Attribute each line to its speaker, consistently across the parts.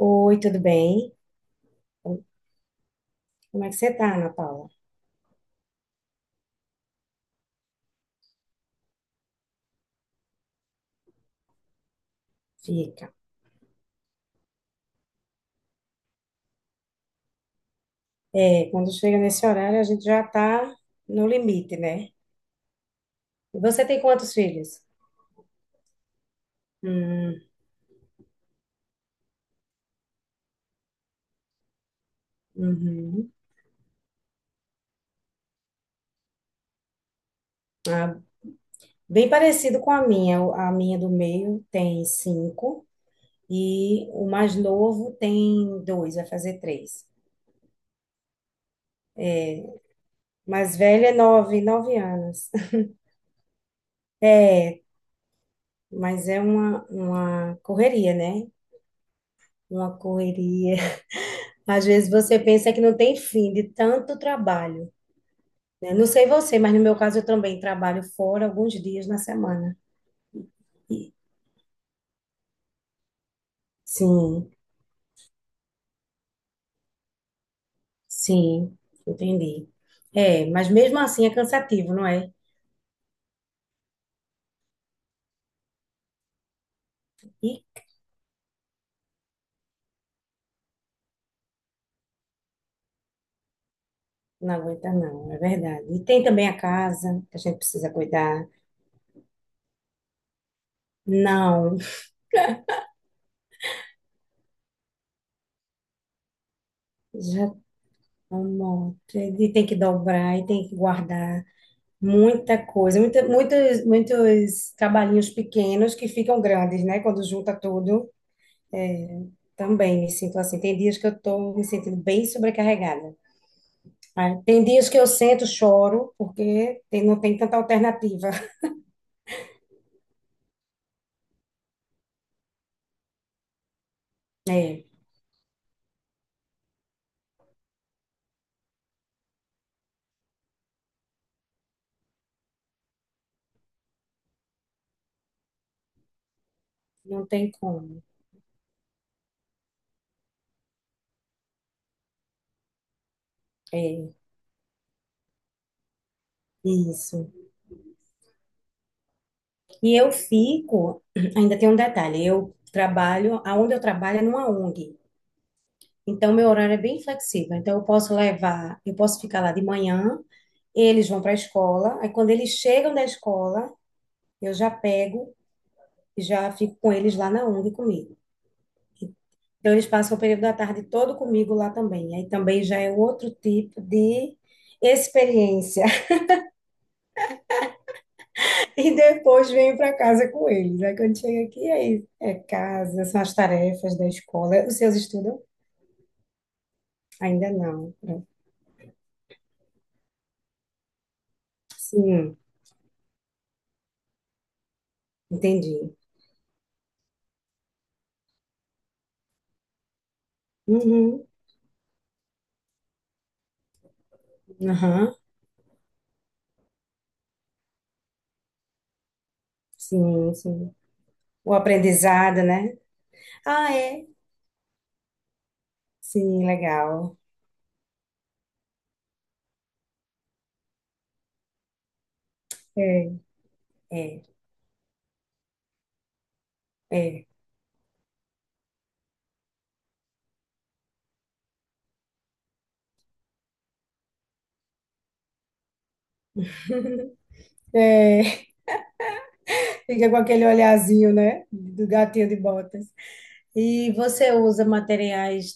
Speaker 1: Oi, tudo bem? Como é que você tá, Ana Paula? Fica. É, quando chega nesse horário, a gente já tá no limite, né? E você tem quantos filhos? Hum, uhum. Ah, bem parecido com a minha. A minha do meio tem cinco e o mais novo tem dois, vai fazer três. Mais velha é nove, anos. É, mas é uma correria, né? Uma correria. Às vezes você pensa que não tem fim de tanto trabalho. Né? Não sei você, mas no meu caso eu também trabalho fora alguns dias na semana. E- sim, sim, entendi. É, mas mesmo assim é cansativo, não é? E não aguenta não, é verdade. E tem também a casa que a gente precisa cuidar. Não, já amor, e tem que dobrar e tem que guardar muita coisa, muita, muitos trabalhinhos pequenos que ficam grandes, né? Quando junta tudo. É, também me sinto assim. Tem dias que eu estou me sentindo bem sobrecarregada. Ah, tem dias que eu sento, choro, porque não tem tanta alternativa. É, não tem como. É, isso. E eu fico, ainda tem um detalhe, eu trabalho, aonde eu trabalho é numa ONG. Então, meu horário é bem flexível. Então, eu posso levar, eu posso ficar lá de manhã, eles vão para a escola, aí quando eles chegam da escola, eu já pego e já fico com eles lá na ONG comigo. Então, eles passam o período da tarde todo comigo lá também. Aí também já é outro tipo de experiência. E depois venho para casa com eles. Aí quando chega aqui, aí é casa, são as tarefas da escola. Os seus estudam? Ainda não. Pronto. Sim, entendi. Uhum, aham, sim, sim. O aprendizado, né? Ah, é? Sim, legal. É, é, é. É, fica com aquele olhazinho, né? Do gatinho de botas. E você usa materiais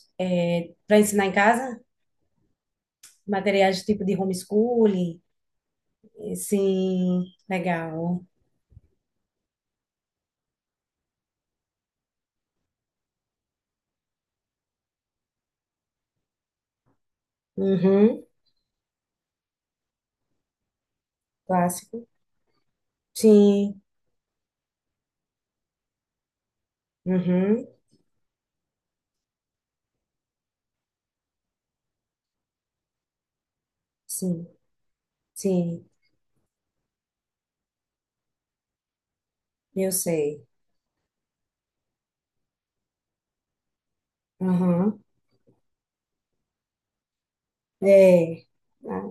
Speaker 1: para ensinar em casa? Materiais tipo de homeschooling? Sim, legal. Uhum, clássico. Sim, uhum, sim, sim, eu sei. Uhum, é. Ah,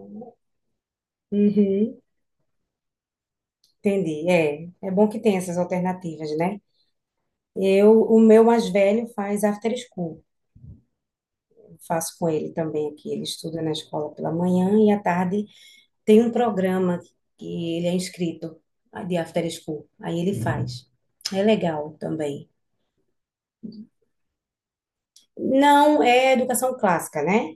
Speaker 1: uhum, entendi. É, é bom que tem essas alternativas, né? Eu, o meu mais velho faz after school. Eu faço com ele também aqui. Ele estuda na escola pela manhã e à tarde. Tem um programa que ele é inscrito, de After School. Aí ele uhum, faz. É legal também. Não é educação clássica, né?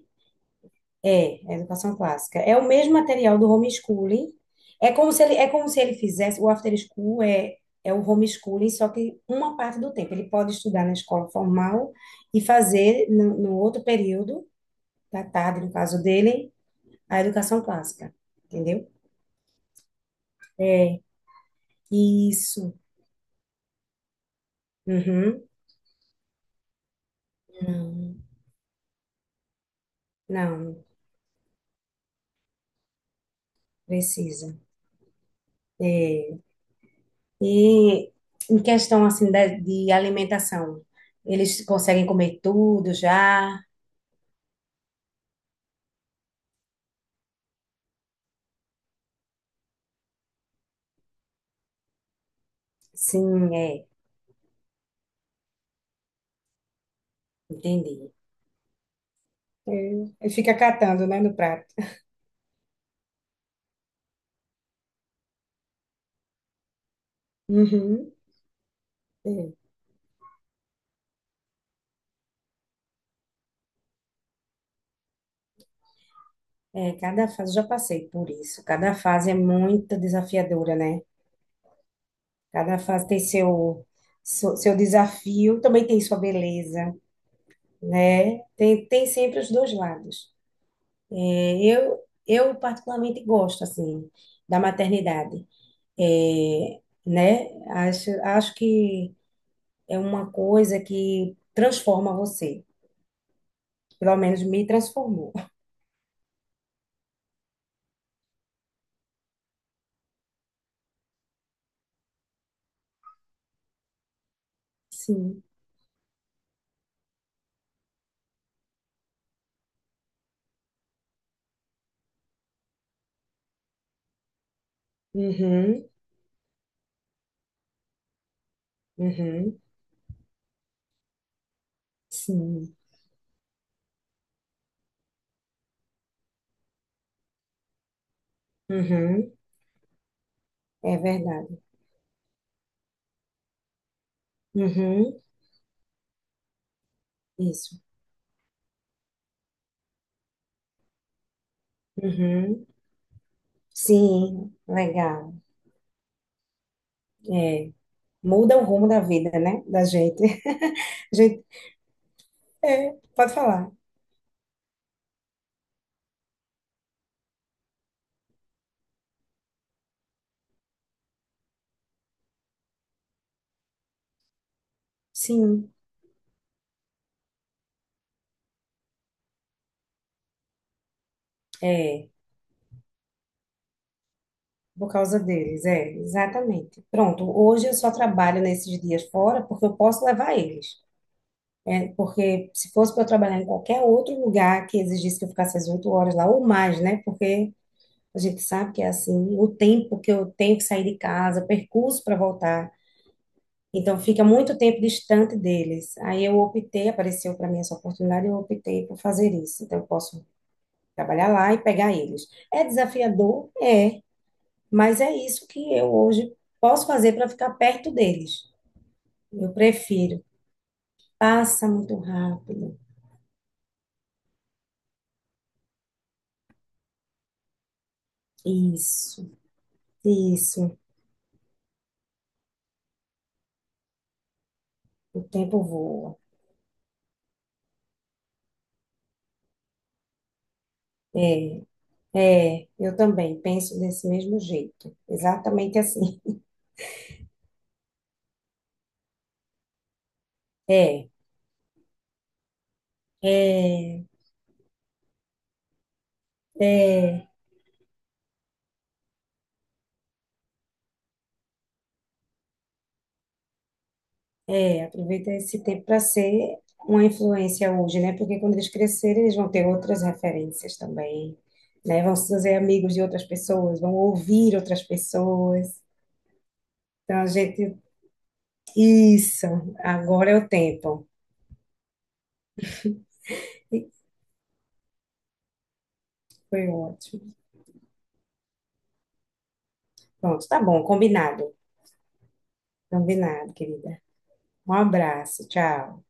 Speaker 1: É, é educação clássica. É o mesmo material do homeschooling. É como se ele fizesse. O After School é, é o homeschooling, só que uma parte do tempo. Ele pode estudar na escola formal e fazer no outro período, da tarde, no caso dele, a educação clássica. Entendeu? É. Isso. Uhum. Não. Não. Precisa. É. E em questão assim de alimentação, eles conseguem comer tudo já? Sim, é. Entendi. E e fica catando, né, no prato. Uhum. É, é, cada fase, já passei por isso. Cada fase é muito desafiadora, né? Cada fase tem seu desafio, também tem sua beleza, né? Tem, tem sempre os dois lados. É, eu particularmente gosto, assim, da maternidade. É, né? Acho que é uma coisa que transforma você. Pelo menos me transformou. Sim. Uhum, uhum, sim. Uhum, é verdade. Uhum, isso. Uhum, sim, legal. É, muda o rumo da vida, né? Da gente. A gente, é, pode falar. Sim, é. Por causa deles, é, exatamente. Pronto, hoje eu só trabalho nesses dias fora porque eu posso levar eles. É, porque se fosse para eu trabalhar em qualquer outro lugar que exigisse que eu ficasse as 8 horas lá ou mais, né? Porque a gente sabe que é assim, o tempo que eu tenho que sair de casa, o percurso para voltar, então fica muito tempo distante deles. Aí eu optei, apareceu para mim essa oportunidade, eu optei por fazer isso. Então eu posso trabalhar lá e pegar eles. É desafiador? É, mas é isso que eu hoje posso fazer para ficar perto deles. Eu prefiro. Passa muito rápido. Isso, isso. O tempo voa. É, é, eu também penso desse mesmo jeito. Exatamente assim. É, é, é, é. Aproveita esse tempo para ser uma influência hoje, né? Porque quando eles crescerem, eles vão ter outras referências também, né? Vão se fazer amigos de outras pessoas, vão ouvir outras pessoas. Então, a gente. Isso, agora é o tempo. E foi ótimo. Pronto, tá bom, combinado. Combinado, querida. Um abraço, tchau.